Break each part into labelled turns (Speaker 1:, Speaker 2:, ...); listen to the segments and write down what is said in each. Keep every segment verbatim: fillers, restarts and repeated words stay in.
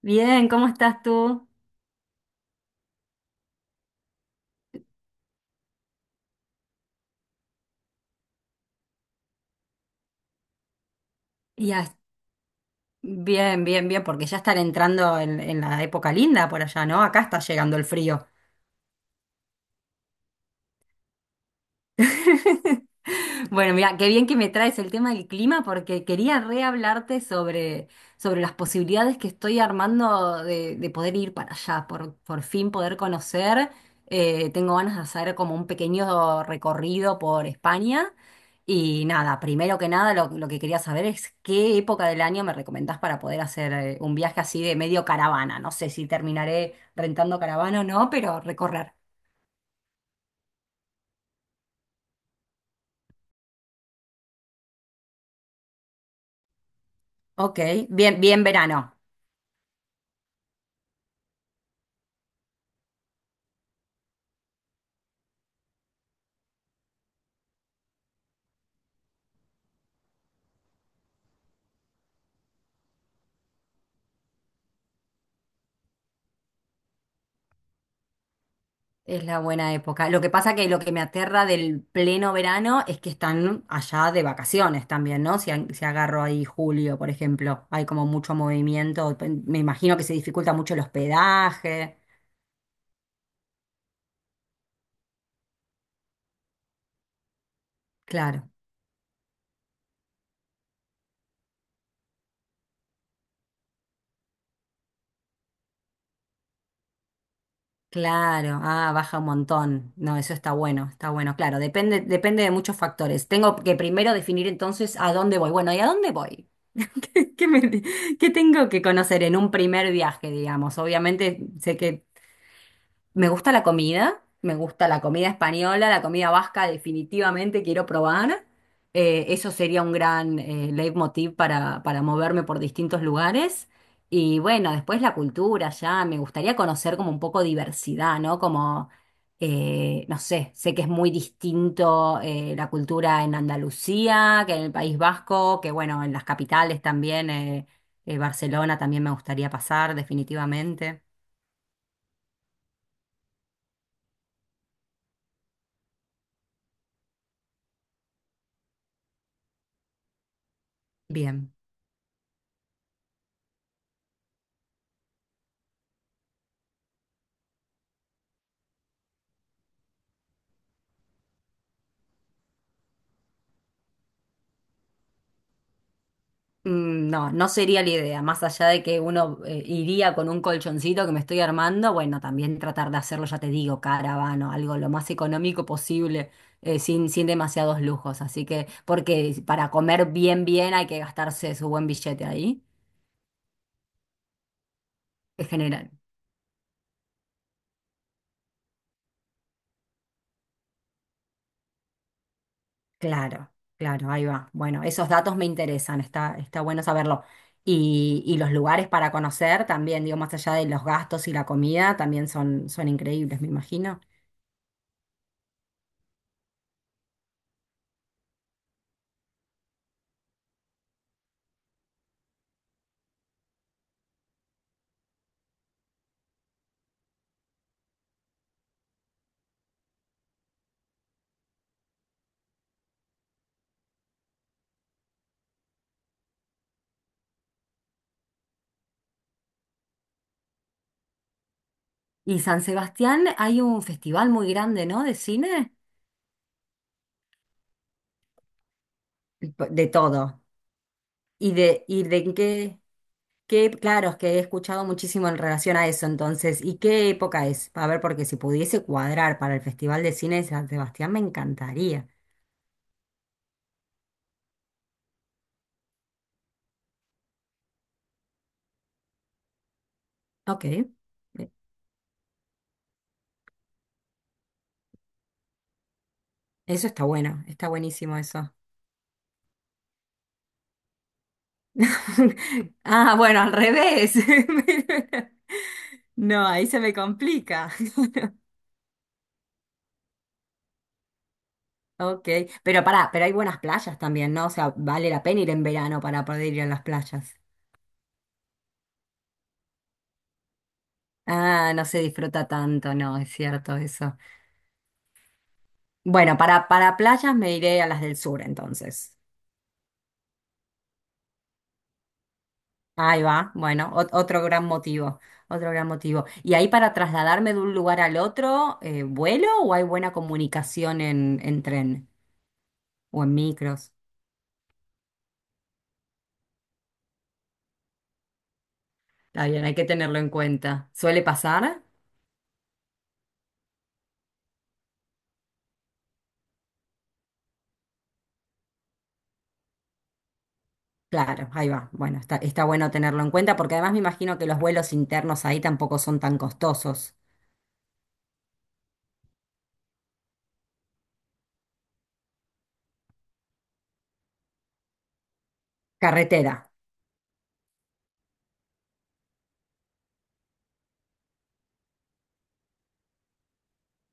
Speaker 1: Bien, ¿cómo estás tú? Ya, bien, bien, bien, porque ya están entrando en, en la época linda por allá, ¿no? Acá está llegando el frío. Bueno, mira, qué bien que me traes el tema del clima porque quería rehablarte sobre, sobre las posibilidades que estoy armando de, de poder ir para allá, por, por fin poder conocer. Eh, tengo ganas de hacer como un pequeño recorrido por España. Y nada, primero que nada lo, lo que quería saber es qué época del año me recomendás para poder hacer eh, un viaje así de medio caravana. No sé si terminaré rentando caravana o no, pero recorrer. Ok, bien, bien verano. Es la buena época. Lo que pasa que lo que me aterra del pleno verano es que están allá de vacaciones también, ¿no? Si, a- si agarro ahí julio, por ejemplo, hay como mucho movimiento. Me imagino que se dificulta mucho el hospedaje. Claro, claro. Ah, baja un montón. No, eso está bueno, está bueno. Claro, depende, depende de muchos factores. Tengo que primero definir entonces a dónde voy. Bueno, ¿y a dónde voy? ¿Qué, qué me- ¿Qué tengo que conocer en un primer viaje, digamos? Obviamente sé que me gusta la comida, me gusta la comida española, la comida vasca definitivamente quiero probar. Eh, eso sería un gran eh, leitmotiv para, para moverme por distintos lugares. Y bueno, después la cultura ya, me gustaría conocer como un poco diversidad, ¿no? Como, eh, no sé, sé que es muy distinto eh, la cultura en Andalucía, que en el País Vasco, que bueno, en las capitales también, eh, eh, Barcelona también me gustaría pasar definitivamente. Bien. Mm, no, no sería la idea, más allá de que uno eh, iría con un colchoncito que me estoy armando, bueno, también tratar de hacerlo, ya te digo, caravano, algo lo más económico posible, eh, sin, sin demasiados lujos, así que, porque para comer bien, bien hay que gastarse su buen billete ahí, es general. Claro, claro, ahí va. Bueno, esos datos me interesan, está, está bueno saberlo. Y, y los lugares para conocer también, digo, más allá de los gastos y la comida, también son, son increíbles, me imagino. Y San Sebastián hay un festival muy grande, ¿no? De cine. P- De todo. ¿Y de, y de qué, qué? Claro, es que he escuchado muchísimo en relación a eso, entonces, ¿y qué época es? A ver, porque si pudiese cuadrar para el Festival de Cine de San Sebastián, me encantaría. Ok, eh, eso está bueno, está buenísimo eso. Ah, bueno, al revés. No, ahí se me complica. Ok, pero pará, pero hay buenas playas también, ¿no? O sea, vale la pena ir en verano para poder ir a las playas. Ah, no se disfruta tanto, no, es cierto eso. Bueno, para, para playas me iré a las del sur entonces. Ahí va, bueno, ot- otro gran motivo, otro gran motivo. ¿Y ahí para trasladarme de un lugar al otro, eh, vuelo o hay buena comunicación en, en tren o en micros? Está bien, hay que tenerlo en cuenta. ¿Suele pasar? Claro, ahí va. Bueno, está, está bueno tenerlo en cuenta porque además me imagino que los vuelos internos ahí tampoco son tan costosos. Carretera.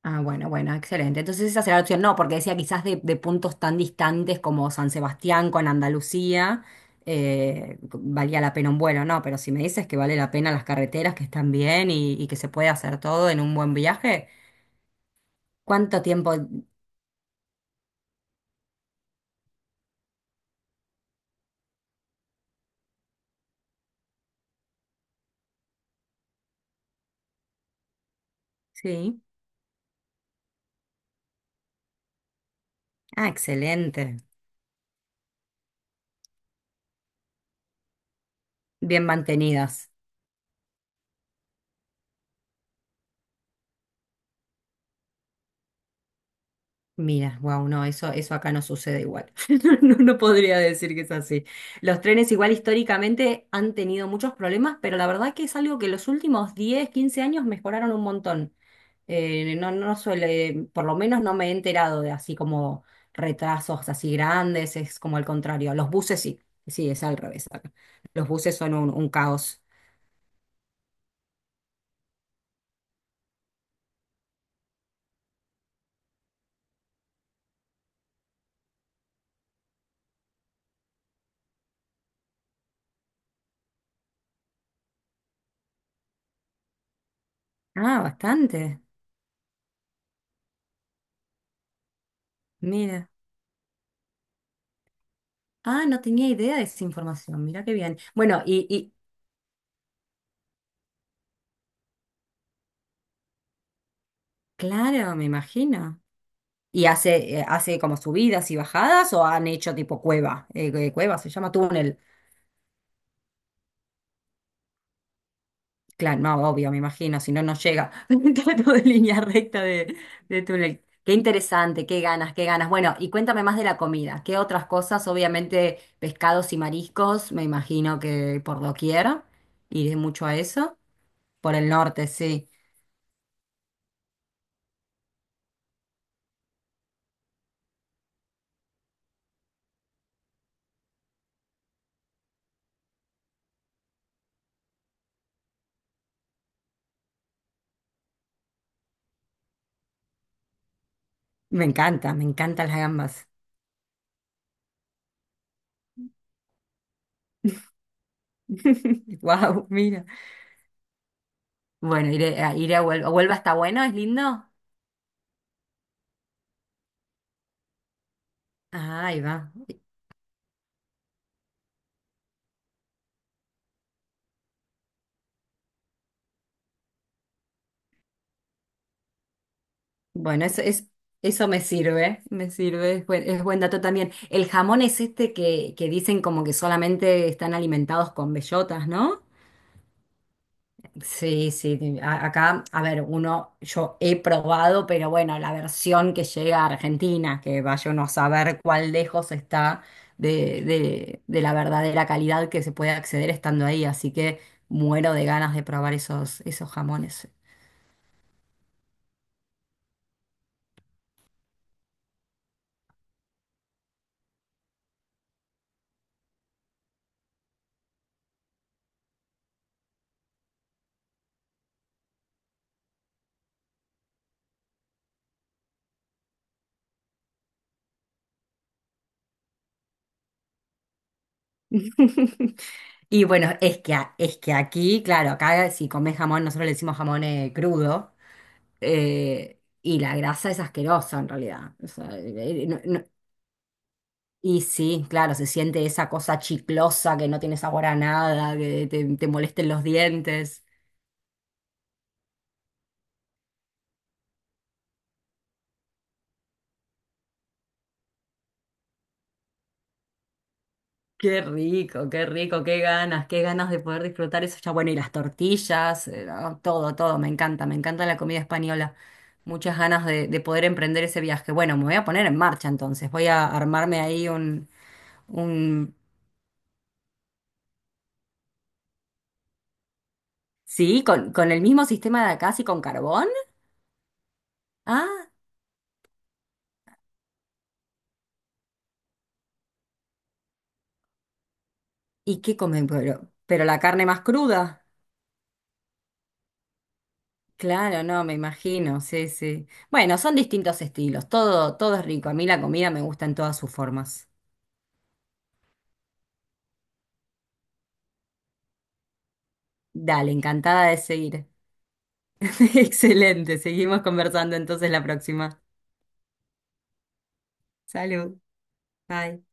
Speaker 1: Ah, bueno, bueno, excelente. Entonces esa será la opción. No, porque decía quizás de, de puntos tan distantes como San Sebastián con Andalucía, eh, valía la pena un vuelo, ¿no? Pero si me dices que vale la pena las carreteras, que están bien y, y que se puede hacer todo en un buen viaje, ¿cuánto tiempo? Sí. Ah, excelente. Bien mantenidas. Mira, wow, no, eso, eso acá no sucede igual. No, no podría decir que es así. Los trenes igual históricamente han tenido muchos problemas, pero la verdad que es algo que los últimos diez, quince años mejoraron un montón. Eh, no, no suele, por lo menos no me he enterado de así como retrasos así grandes, es como al contrario. Los buses sí, sí, es al revés acá. Los buses son un, un caos. Ah, bastante. Mira. Ah, no tenía idea de esa información. Mira qué bien. Bueno, y, y claro, me imagino. ¿Y hace, eh, hace como subidas y bajadas o han hecho tipo cueva? Eh, eh, cueva se llama túnel. Claro, no, obvio, me imagino, si no, no llega. Trato de línea recta de, de túnel. Qué interesante, qué ganas, qué ganas. Bueno, y cuéntame más de la comida. ¿Qué otras cosas? Obviamente, pescados y mariscos, me imagino que por doquier. Iré mucho a eso. Por el norte, sí. Me encanta, me encantan las gambas. Wow, mira. Bueno, iré, a- iré a Huelva. ¿Huelva está bueno? ¿Es lindo? Ah, ahí va. Bueno, eso, es, eso me sirve, me sirve, es buen, es buen dato también. El jamón es este que, que dicen como que solamente están alimentados con bellotas, ¿no? Sí, sí, a- acá, a ver, uno, yo he probado, pero bueno, la versión que llega a Argentina, que vaya uno a saber cuál lejos está de, de, de la verdadera calidad que se puede acceder estando ahí, así que muero de ganas de probar esos, esos jamones. Y bueno, es que, a- es que aquí, claro, acá si comes jamón, nosotros le decimos jamón eh, crudo, eh, y la grasa es asquerosa en realidad. O sea, eh, eh, no- no- y sí, claro, se siente esa cosa chiclosa que no tiene sabor a nada, que te, te molesta en los dientes. Qué rico, qué rico, qué ganas, qué ganas de poder disfrutar eso ya. Bueno, y las tortillas, eh, no, todo, todo, me encanta, me encanta la comida española. Muchas ganas de, de poder emprender ese viaje. Bueno, me voy a poner en marcha entonces, voy a armarme ahí un, un... Sí, con, con el mismo sistema de acá, sí, con carbón. Ah, ¿y qué comen? Pero, pero la carne más cruda. Claro, no, me imagino, sí, sí. Bueno, son distintos estilos, todo, todo es rico. A mí la comida me gusta en todas sus formas. Dale, encantada de seguir. Excelente, seguimos conversando entonces la próxima. Salud, bye.